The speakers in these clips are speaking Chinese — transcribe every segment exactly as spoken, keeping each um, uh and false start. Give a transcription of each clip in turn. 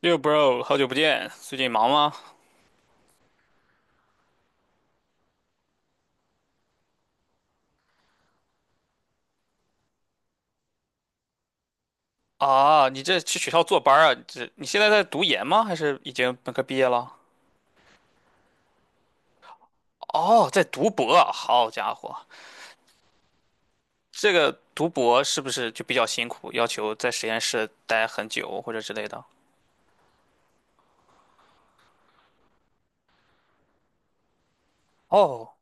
六 bro，好久不见，最近忙吗？啊，你这去学校坐班啊？你这你现在在读研吗？还是已经本科毕业了？哦，在读博啊好家伙，这个读博是不是就比较辛苦，要求在实验室待很久或者之类的？哦，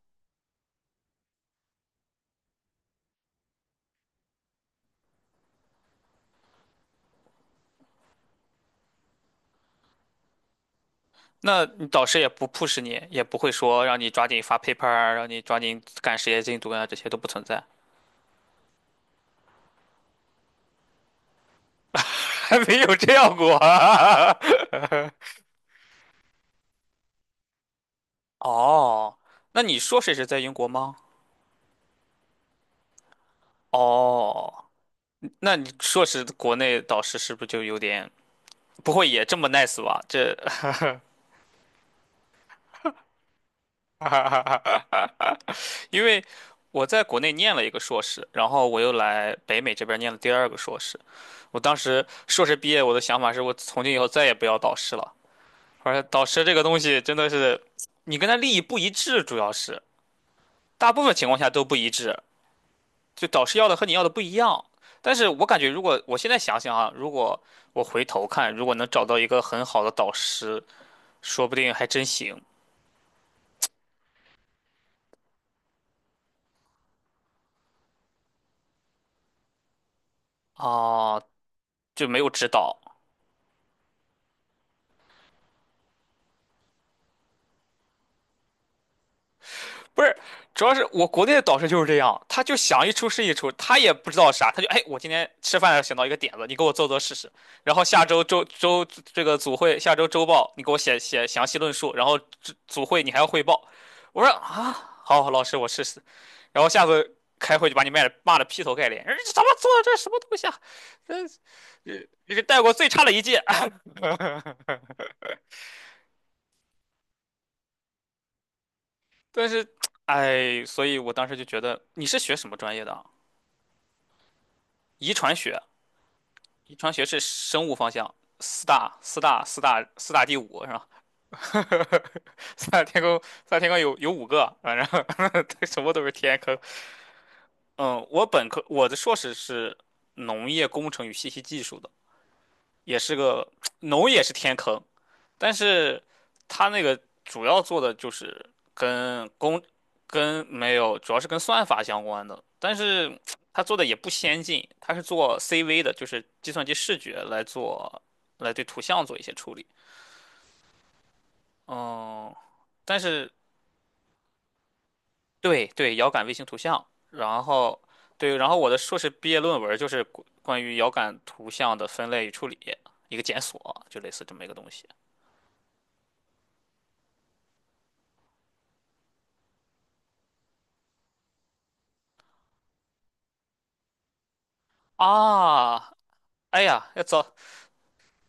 那你导师也不 push 你，也不会说让你抓紧发 paper，啊让你抓紧赶实验进度啊，这些都不存在，还没有这样过啊。哦，那你说谁也是在英国吗？哦。那你硕士国内导师是不是就有点不会也这么 nice 吧？这 因为我在国内念了一个硕士，然后我又来北美这边念了第二个硕士。我当时硕士毕业，我的想法是我从今以后再也不要导师了。而且导师这个东西真的是，你跟他利益不一致，主要是大部分情况下都不一致，就导师要的和你要的不一样。但是我感觉，如果我现在想想啊，如果我回头看，如果能找到一个很好的导师，说不定还真行。啊，就没有指导，不是，主要是我国内的导师就是这样，他就想一出是一出，他也不知道啥，他就哎，我今天吃饭的时候想到一个点子，你给我做做试试，然后下周周周这个组会，下周周报你给我写写详细论述，然后组组会你还要汇报，我说啊，好，老师我试试，然后下次开会就把你骂的骂的劈头盖脸，哎这怎么做的这什么东西啊，这这这是带过最差的一届，哎但是哎，所以我当时就觉得你是学什么专业的啊？遗传学，遗传学是生物方向，四大四大四大四大第五是吧？四大天坑，四大天坑有有五个，反正 什么都是天坑。嗯，我本科我的硕士是农业工程与信息技术的，也是个农也是天坑，但是它那个主要做的就是跟工跟没有，主要是跟算法相关的，但是它做的也不先进，它是做 C V 的，就是计算机视觉来做来对图像做一些处理。嗯，但是对对，遥感卫星图像，然后对，然后我的硕士毕业论文就是关关于遥感图像的分类与处理，一个检索，就类似这么一个东西啊。哎呀，要早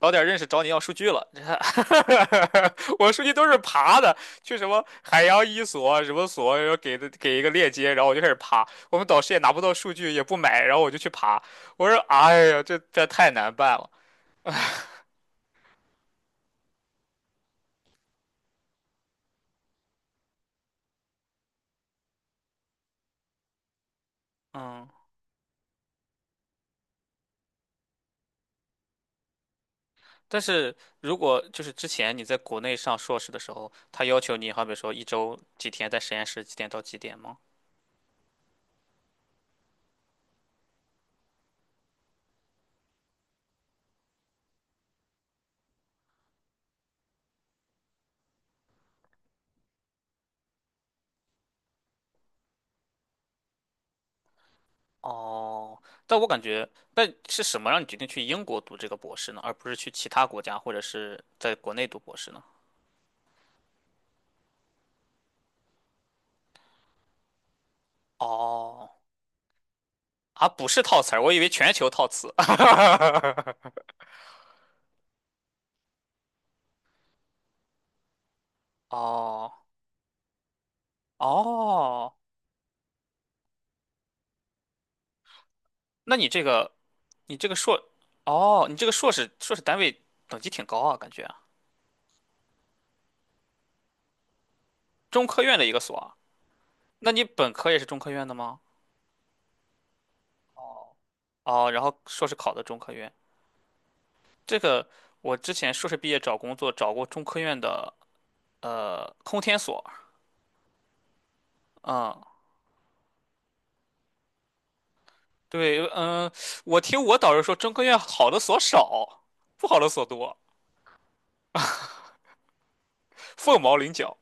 早点认识找你要数据了。我数据都是爬的，去什么海洋一所什么所，然后给的给一个链接，然后我就开始爬。我们导师也拿不到数据，也不买，然后我就去爬。我说，哎呀，这这太难办了。嗯，但是如果就是之前你在国内上硕士的时候，他要求你，好比说一周几天在实验室，几点到几点吗？哦，但我感觉，但是什么让你决定去英国读这个博士呢，而不是去其他国家或者是在国内读博士呢？哦。啊，不是套词儿，我以为全球套词。哦哦，那你这个，你这个硕，哦，你这个硕士硕士单位等级挺高啊，感觉中科院的一个所啊。那你本科也是中科院的吗？哦，然后硕士考的中科院。这个我之前硕士毕业找工作找过中科院的呃空天所，嗯，对，嗯，我听我导师说中科院好的所少，不好的所多，凤毛麟角。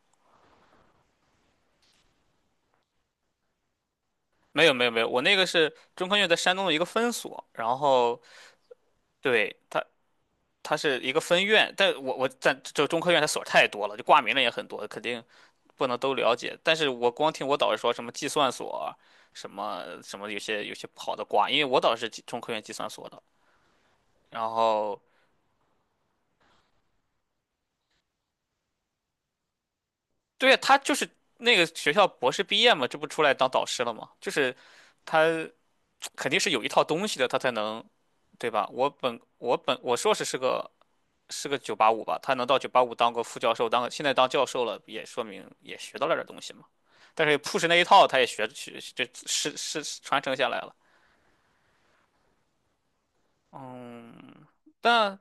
没有没有没有，我那个是中科院在山东的一个分所，然后对它它是一个分院，但我我在这中科院它所太多了，就挂名的也很多，肯定不能都了解。但是我光听我导师说什么计算所，什么什么有些有些不好的挂，因为我导师是计中科院计算所的。然后对呀，他就是那个学校博士毕业嘛，这不出来当导师了吗？就是他 肯定是有一套东西的，他才能对吧？我本我本我硕士是个是个九八五吧，他能到九八五当个副教授，当个现在当教授了，也说明也学到了点东西嘛。但是 push 那一套，他也学学这是是传承下来了。嗯，但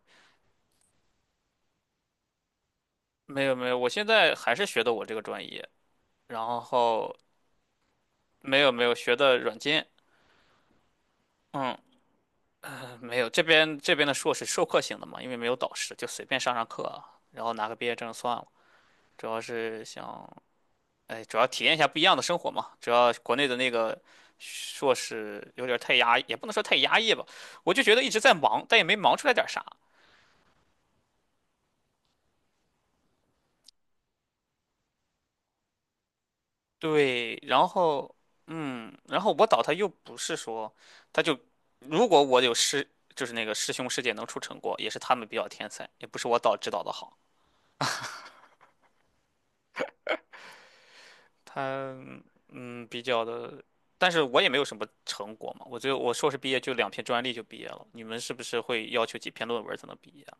没有没有，我现在还是学的我这个专业，然后没有没有学的软件，嗯，呃没有这边这边的硕士授课型的嘛，因为没有导师，就随便上上课啊，然后拿个毕业证算了。主要是想，哎，主要体验一下不一样的生活嘛。主要国内的那个硕士有点太压抑，也不能说太压抑吧，我就觉得一直在忙，但也没忙出来点啥。对，然后嗯，然后我导他又不是说，他就如果我有师，就是那个师兄师姐能出成果，也是他们比较天才，也不是我导指导的好。他嗯比较的，但是我也没有什么成果嘛，我只有我硕士毕业就两篇专利就毕业了，你们是不是会要求几篇论文才能毕业啊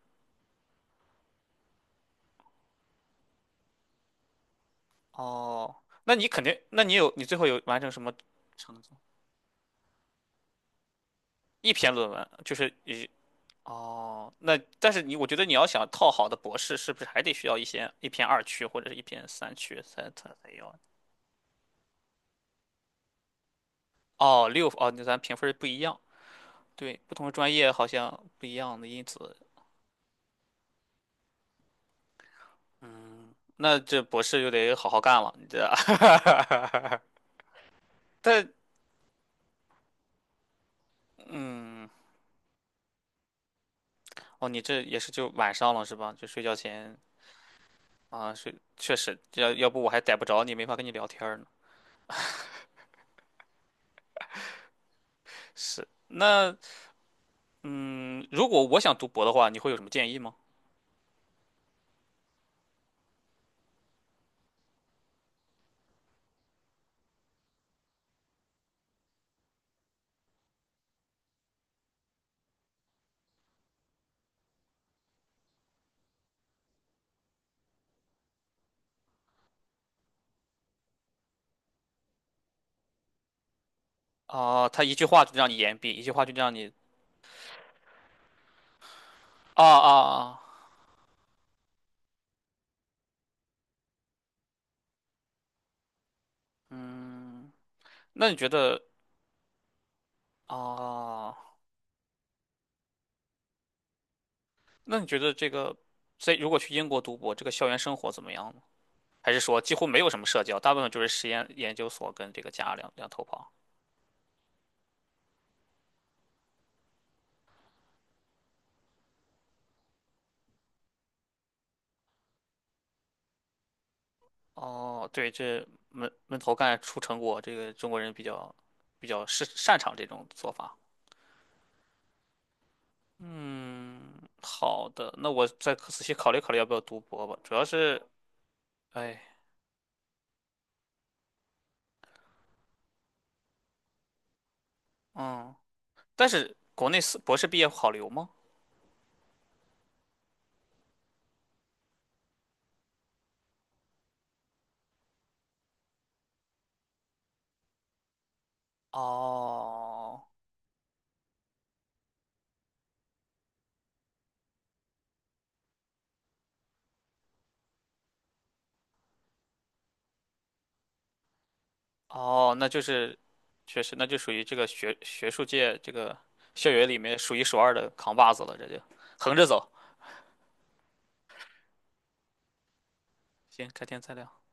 哦，那你肯定，那你有你最后有完成什么？成？一篇论文，就是一哦，那但是你我觉得你要想套好的博士，是不是还得需要一些一篇二区或者是一篇三区才才才要？哦，六哦，那咱评分不一样，对，不同的专业好像不一样的，因此，嗯，那这博士就得好好干了，你这，但嗯，哦，你这也是就晚上了是吧？就睡觉前啊，睡确实，要要不我还逮不着你，没法跟你聊天儿呢。是，那嗯，如果我想读博的话，你会有什么建议吗？啊、他一句话就让你言毕，一句话就让你啊啊啊，嗯，那你觉得啊，那你觉得这个在如果去英国读博，这个校园生活怎么样呢？还是说几乎没有什么社交，大部分就是实验研究所跟这个家两两头跑？哦，对，这闷闷头干出成果，这个中国人比较比较是擅长这种做法。嗯，好的，那我再仔细考虑考虑要不要读博吧。主要是哎，嗯，但是国内四博士毕业好留吗？哦，哦，那就是确实，那就属于这个学学术界这个校园里面数一数二的扛把子了，这就横着走。行，改天再聊。